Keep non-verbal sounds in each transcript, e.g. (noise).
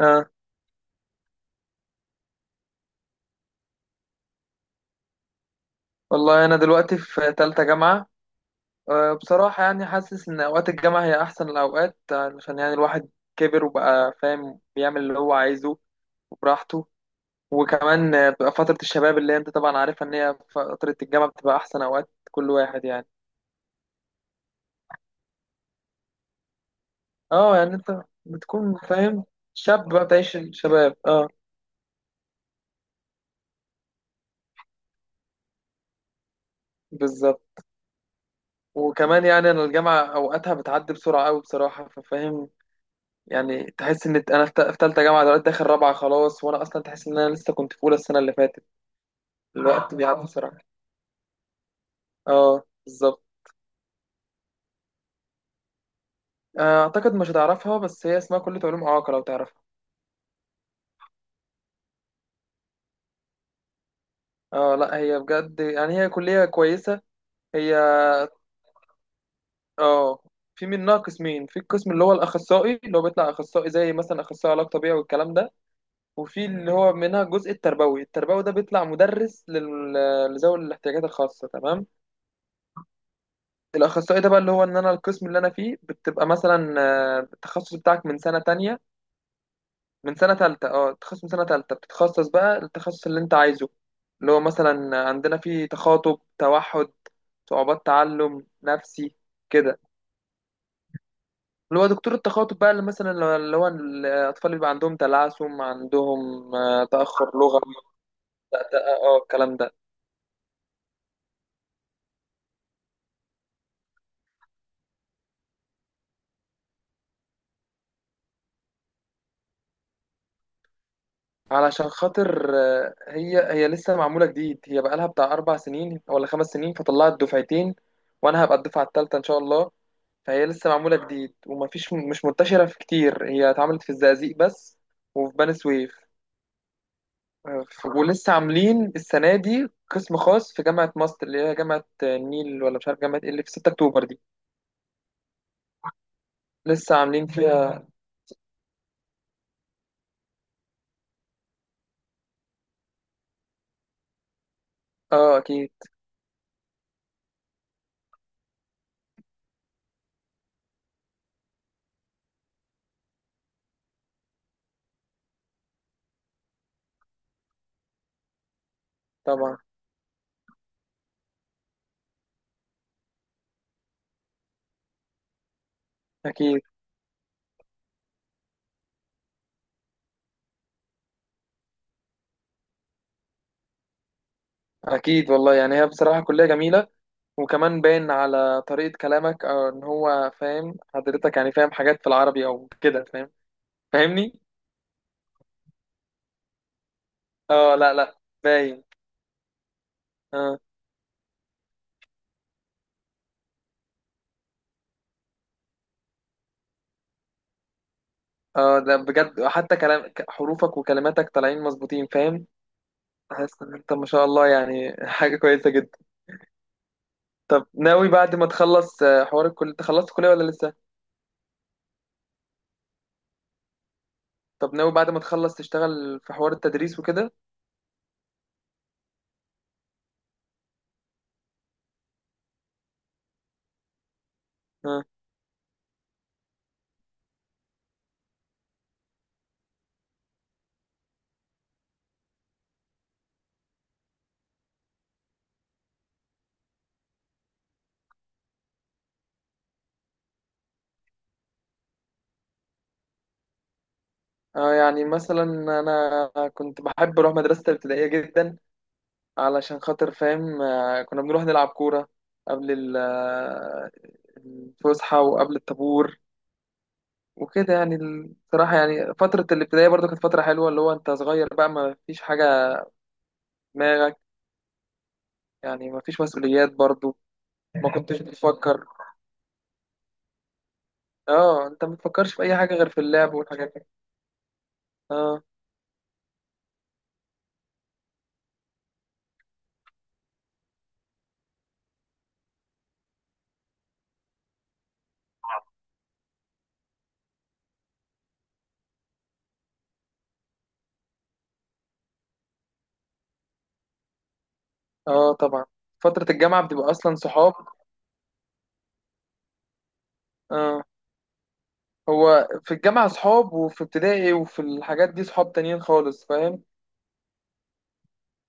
آه والله أنا دلوقتي في تالتة جامعة. بصراحة يعني حاسس إن أوقات الجامعة هي أحسن الأوقات، علشان يعني الواحد كبر وبقى فاهم بيعمل اللي هو عايزه وبراحته. وكمان بتبقى فترة الشباب اللي أنت طبعا عارفها، إن هي فترة الجامعة بتبقى أحسن أوقات كل واحد يعني. أه يعني أنت بتكون فاهم، شاب بقى بتعيش الشباب، أه بالظبط. وكمان يعني أنا الجامعة أوقاتها بتعدي بسرعة أوي بصراحة، ففاهم يعني، تحس ان انا في تالتة جامعة دلوقتي داخل رابعة خلاص، وانا اصلا تحس ان انا لسه كنت في اولى السنة اللي فاتت. الوقت بيعدي بسرعة، اه بالظبط. اعتقد مش هتعرفها، بس هي اسمها كلية علوم اعاقة لو تعرفها. اه لا هي بجد يعني هي كلية كويسة. هي اه في منها قسمين، في القسم اللي هو الاخصائي اللي هو بيطلع اخصائي، زي مثلا اخصائي علاج طبيعي والكلام ده. وفي اللي هو منها الجزء التربوي، التربوي ده بيطلع مدرس لذوي الاحتياجات الخاصة، تمام. الاخصائي ده بقى اللي هو ان انا القسم اللي انا فيه بتبقى مثلا التخصص بتاعك من سنه تانية، من سنه تالتة، اه التخصص من سنه تالتة بتتخصص بقى التخصص اللي انت عايزه، اللي هو مثلا عندنا فيه تخاطب، توحد، صعوبات تعلم، نفسي، كده. اللي هو دكتور التخاطب بقى اللي مثلا اللي هو الاطفال اللي بيبقى عندهم تلعثم، عندهم تاخر لغوي، اه الكلام ده. علشان خاطر هي لسه معمولة جديد، هي بقالها بتاع 4 سنين ولا 5 سنين، فطلعت دفعتين وأنا هبقى الدفعة التالتة إن شاء الله. فهي لسه معمولة جديد ومفيش، مش منتشرة في كتير، هي اتعملت في الزقازيق بس، وفي بني سويف. ولسه عاملين السنة دي قسم خاص في جامعة ماست اللي هي جامعة، النيل ولا مش عارف جامعة ايه اللي في 6 أكتوبر دي. لسه عاملين فيها، اه أكيد، طبعا أكيد. أكيد والله يعني هي بصراحة كلية جميلة. وكمان باين على طريقة كلامك أو إن هو فاهم حضرتك، يعني فاهم حاجات في العربي أو كده، فاهم، فاهمني؟ اه لا لا، باين. اه اه ده بجد، حتى حروفك وكلماتك طالعين مظبوطين، فاهم؟ حاسس إن أنت ما شاء الله يعني (laughs) حاجة كويسة جدا. طب ناوي بعد ما تخلص حوار الكلية، أنت خلصت الكلية ولا لسه؟ طب ناوي بعد ما تخلص تشتغل في حوار التدريس وكده؟ اه. يعني مثلا أنا كنت بحب أروح مدرسة الابتدائية جدا، علشان خاطر فاهم كنا بنروح نلعب كورة قبل الفسحة وقبل الطابور وكده. يعني بصراحة يعني فترة الابتدائية برضو كانت فترة حلوة، اللي هو أنت صغير بقى ما فيش حاجة في دماغك، يعني ما فيش مسؤوليات برضو، ما (laughs) كنتش بتفكر. اه أنت ما بتفكرش في أي حاجة غير في اللعب والحاجات دي. اه. اه طبعا فترة الجامعة بتبقى أصلا صحاب. اه هو في الجامعة صحاب، وفي ابتدائي وفي الحاجات دي صحاب تانيين خالص، فاهم.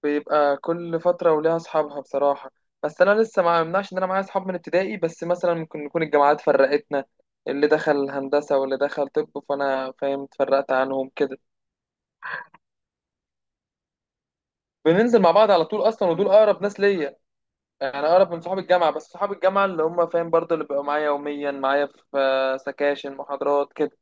بيبقى كل فترة وليها أصحابها بصراحة. بس أنا لسه ما يمنعش إن أنا معايا أصحاب من ابتدائي، بس مثلا ممكن نكون الجامعات فرقتنا، اللي دخل هندسة واللي دخل طب، فأنا فاهم اتفرقت عنهم كده. بننزل مع بعض على طول أصلا، ودول أقرب ناس ليا. يعني أقرب من صحاب الجامعة، بس صحاب الجامعة اللي هم فاهم برضه اللي بيبقوا معايا يوميا، معايا في سكاشن محاضرات كده.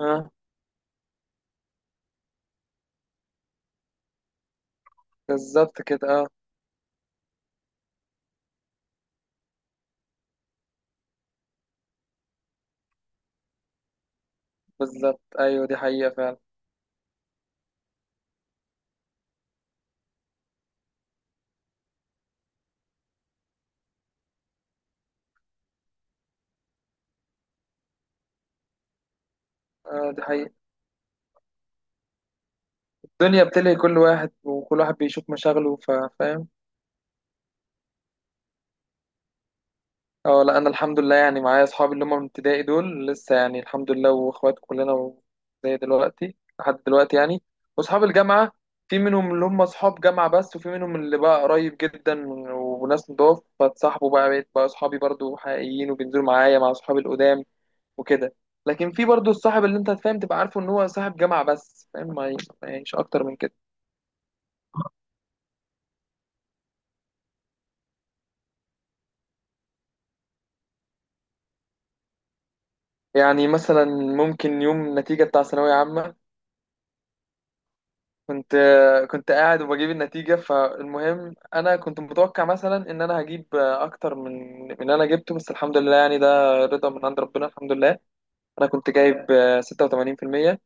أه بالظبط كده، أه بالظبط أيوه، دي حقيقة فعلا. أه دي حقيقة، الدنيا بتلهي كل واحد وكل واحد بيشوف مشاغله، فاهم. اه لا انا الحمد لله يعني معايا اصحابي اللي هم من ابتدائي دول لسه، يعني الحمد لله واخوات كلنا، زي دلوقتي لحد دلوقتي يعني. واصحاب الجامعه في منهم اللي هم اصحاب جامعه بس، وفي منهم اللي بقى قريب جدا. وناس نضاف فاتصاحبوا بقى، بقيت بقى اصحابي برضو حقيقيين، وبينزلوا معايا مع اصحابي القدام وكده. لكن في برضو الصاحب اللي انت فاهم تبقى عارفه ان هو صاحب جامعه بس، فاهم، مش اكتر من كده. يعني مثلا ممكن يوم النتيجه بتاع ثانويه عامه، كنت كنت قاعد وبجيب النتيجة، فالمهم أنا كنت متوقع مثلا إن أنا هجيب أكتر من اللي أنا جبته، بس الحمد لله يعني ده رضا من عند ربنا الحمد لله. أنا كنت جايب 86%.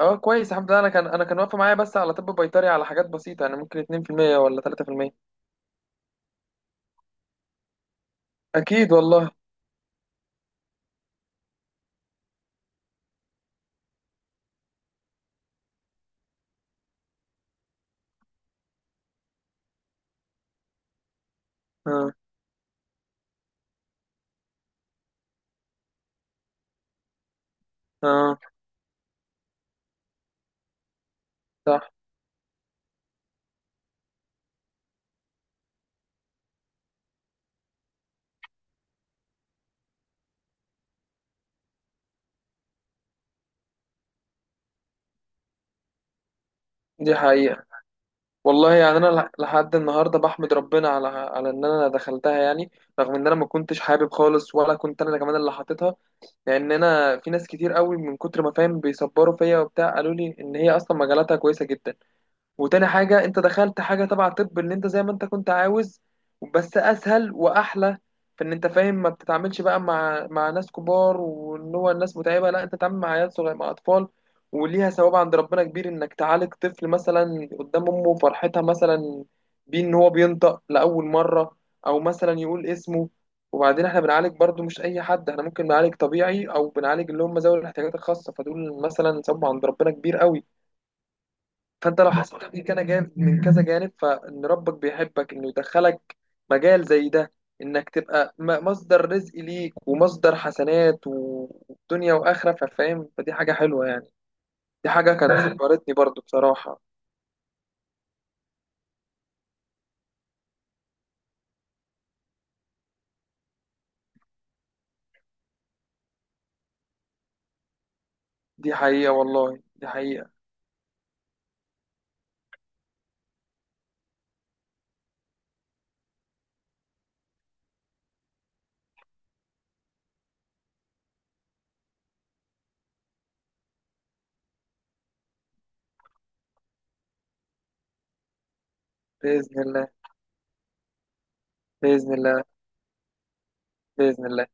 أه كويس الحمد لله، أنا كان أنا كان واقفة معايا بس على طب بيطري على حاجات بسيطة، يعني ممكن 2% ولا 3%. أكيد والله. أه أه صح. دي حقيقة والله، يعني أنا لحد النهاردة بحمد ربنا على على إن أنا دخلتها يعني. رغم إن أنا ما كنتش حابب خالص، ولا كنت أنا كمان اللي حاططها. لان انا في ناس كتير قوي من كتر ما فاهم بيصبروا فيا وبتاع، قالوا لي ان هي اصلا مجالاتها كويسه جدا. وتاني حاجة انت دخلت حاجة تبع طب، ان انت زي ما انت كنت عاوز، بس اسهل واحلى، في ان انت فاهم ما بتتعاملش بقى مع ناس كبار وان هو الناس متعبة، لا انت تتعامل مع عيال صغيرة مع اطفال. وليها ثواب عند ربنا كبير، انك تعالج طفل مثلا قدام امه فرحتها مثلا بيه، ان هو بينطق لاول مرة او مثلا يقول اسمه. وبعدين احنا بنعالج برضو مش اي حد، احنا ممكن نعالج طبيعي او بنعالج اللي هم ذوي الاحتياجات الخاصة، فدول مثلا ثواب عند ربنا كبير قوي. فانت لو حسيت من كذا جانب من كذا جانب، فان ربك بيحبك انه يدخلك مجال زي ده، انك تبقى مصدر رزق ليك ومصدر حسنات ودنيا واخره، ففاهم فدي حاجه حلوه يعني. دي حاجه كانت فاهم، فكرتني برضو بصراحه. دي حقيقه والله دي حقيقه. باذن الله. باذن الله. باذن الله.